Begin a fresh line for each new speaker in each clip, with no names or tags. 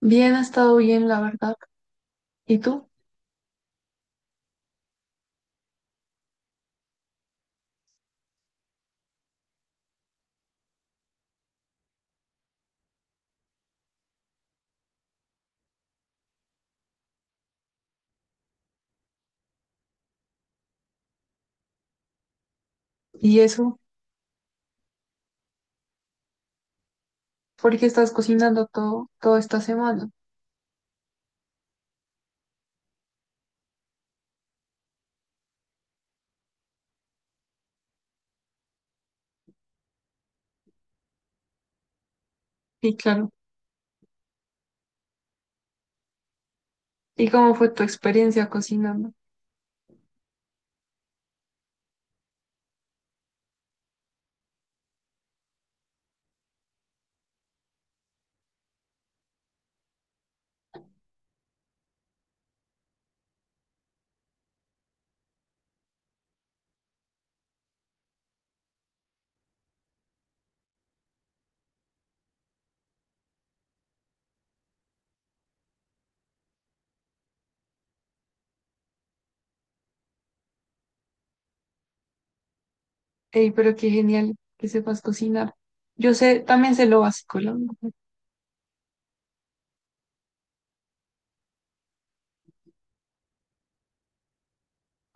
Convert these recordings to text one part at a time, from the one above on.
Bien, ha estado bien, la verdad. ¿Y tú? ¿Y eso? ¿Por qué estás cocinando todo, toda esta semana? Y claro, ¿y cómo fue tu experiencia cocinando? Ey, pero qué genial que sepas cocinar. Yo sé, también sé lo básico, la verdad.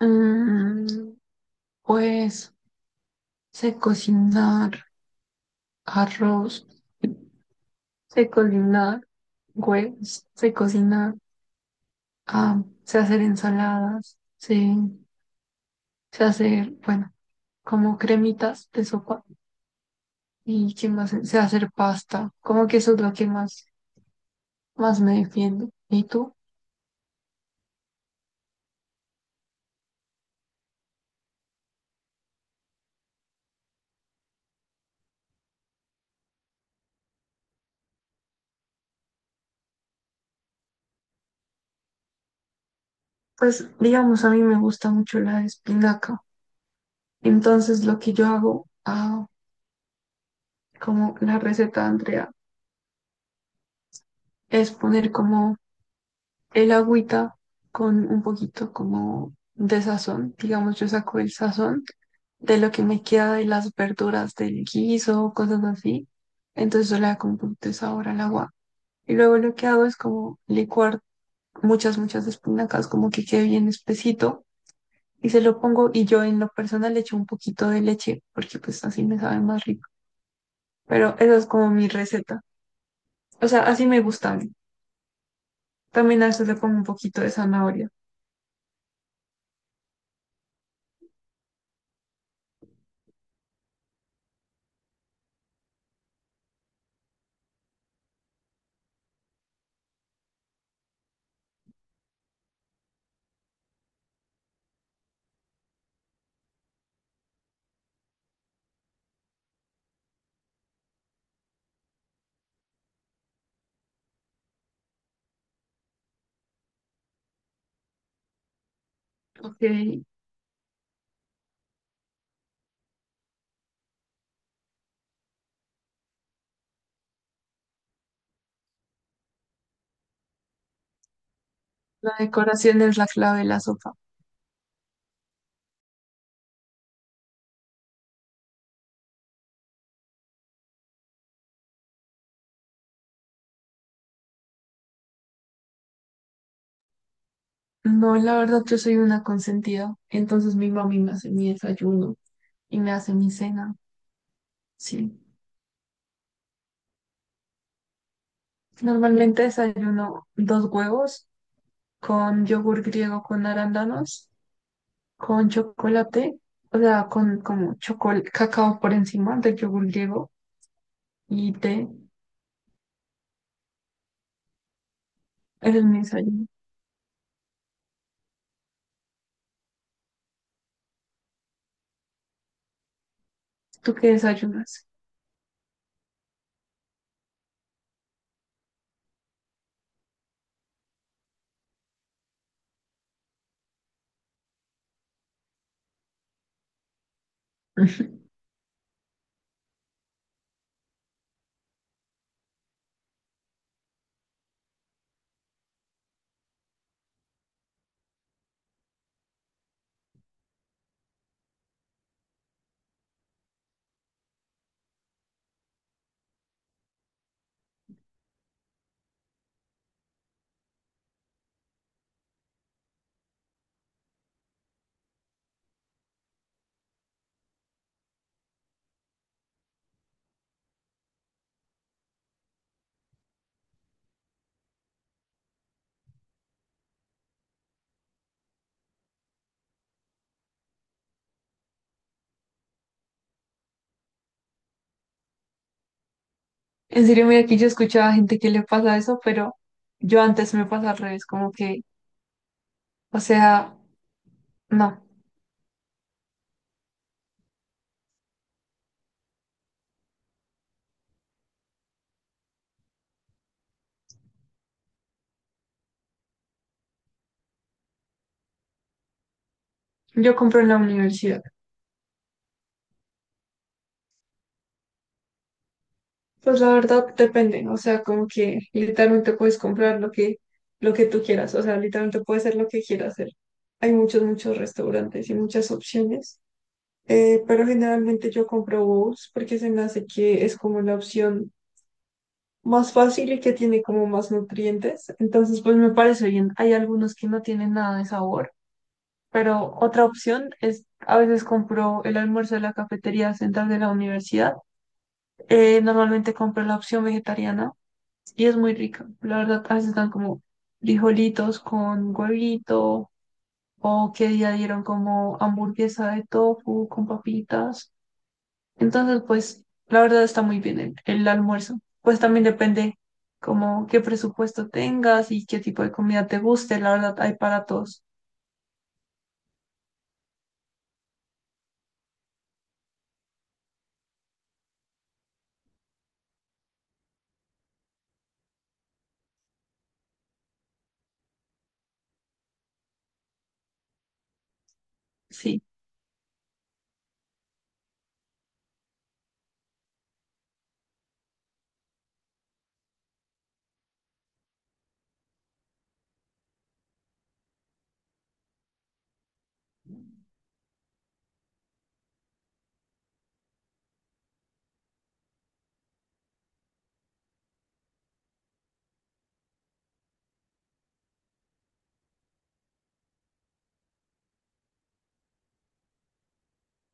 Mm, pues sé cocinar arroz, sé cocinar huevos, sé cocinar, ah, sé hacer ensaladas, sé, sé hacer, bueno, como cremitas de sopa. ¿Y qué más? Sé hacer pasta. Como que eso es lo que más, más me defiende. ¿Y tú? Pues, digamos, a mí me gusta mucho la espinaca. Entonces, lo que yo hago, ah, como la receta de Andrea, es poner como el agüita con un poquito como de sazón. Digamos, yo saco el sazón de lo que me queda de las verduras del guiso, cosas así. Entonces, yo le hago un poquito de sabor al agua. Y luego lo que hago es como licuar muchas, muchas espinacas, como que quede bien espesito y se lo pongo y yo en lo personal le echo un poquito de leche porque pues así me sabe más rico. Pero esa es como mi receta. O sea, así me gusta a mí. También a veces le pongo un poquito de zanahoria. Ok, la decoración es la clave de la sopa. No, la verdad yo soy una consentida. Entonces mi mami me hace mi desayuno y me hace mi cena. Sí. Normalmente desayuno dos huevos con yogur griego con arándanos con chocolate, o sea, con como chocolate, cacao por encima del yogur griego y té. Ese es mi desayuno. ¿Tú qué desayunas? En serio, mira, aquí yo escuchaba a gente que le pasa eso, pero yo antes me pasa al revés, como que, o sea, no, yo compro en la universidad. Pues la verdad depende, o sea, como que literalmente puedes comprar lo que tú quieras, o sea, literalmente puedes hacer lo que quieras hacer. Hay muchos, muchos restaurantes y muchas opciones. Pero generalmente yo compro bowls porque se me hace que es como la opción más fácil y que tiene como más nutrientes. Entonces, pues me parece bien. Hay algunos que no tienen nada de sabor, pero otra opción es a veces compro el almuerzo de la cafetería central de la universidad. Normalmente compro la opción vegetariana y es muy rica. La verdad, a veces están como frijolitos con huevito o que día dieron como hamburguesa de tofu con papitas. Entonces, pues, la verdad está muy bien el almuerzo. Pues también depende como qué presupuesto tengas y qué tipo de comida te guste. La verdad, hay para todos. Sí,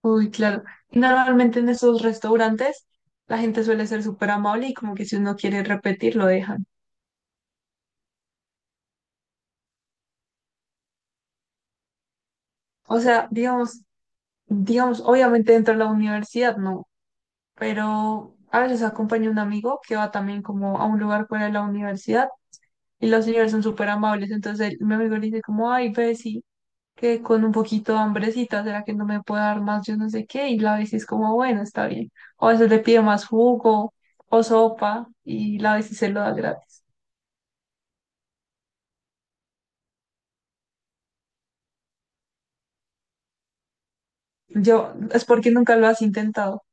uy, claro. Y normalmente en esos restaurantes la gente suele ser súper amable y como que si uno quiere repetir, lo dejan. O sea, digamos, obviamente dentro de la universidad no, pero a veces acompaña un amigo que va también como a un lugar fuera de la universidad. Y los señores son súper amables. Entonces él- mi amigo le dice como, ay, Bessie, que con un poquito de hambrecita, ¿será que no me puede dar más? Yo no sé qué. Y la Bessie es como, bueno, está bien. O a veces le pide más jugo o sopa y la Bessie se lo da gratis. Yo, es porque nunca lo has intentado.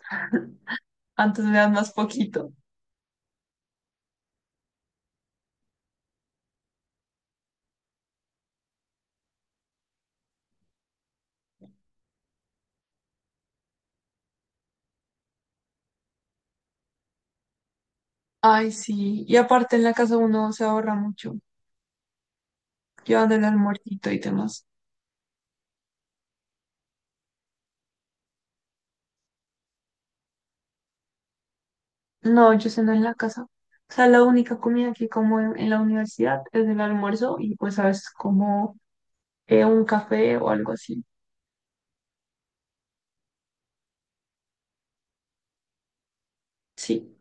Antes me dan más poquito. Ay, sí. Y aparte en la casa uno se ahorra mucho. Llevando el almuercito y demás. No, yo ceno en la casa. O sea, la única comida que como en la universidad es el almuerzo y pues a veces como un café o algo así. Sí.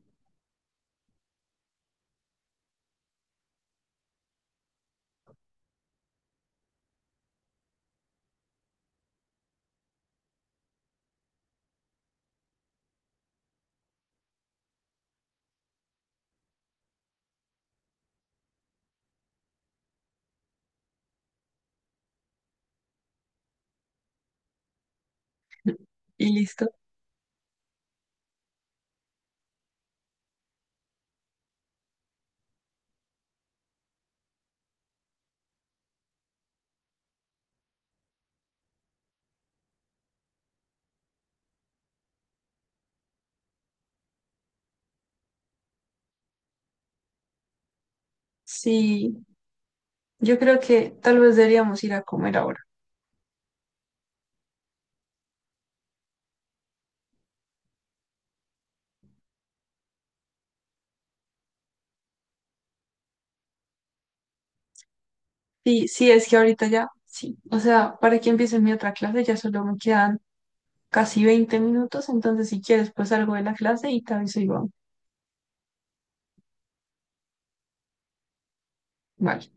Y listo. Sí, yo creo que tal vez deberíamos ir a comer ahora. Sí, sí, es que ahorita ya, sí. O sea, para que empiece mi otra clase ya solo me quedan casi 20 minutos, entonces si quieres pues salgo de la clase y te aviso y vale.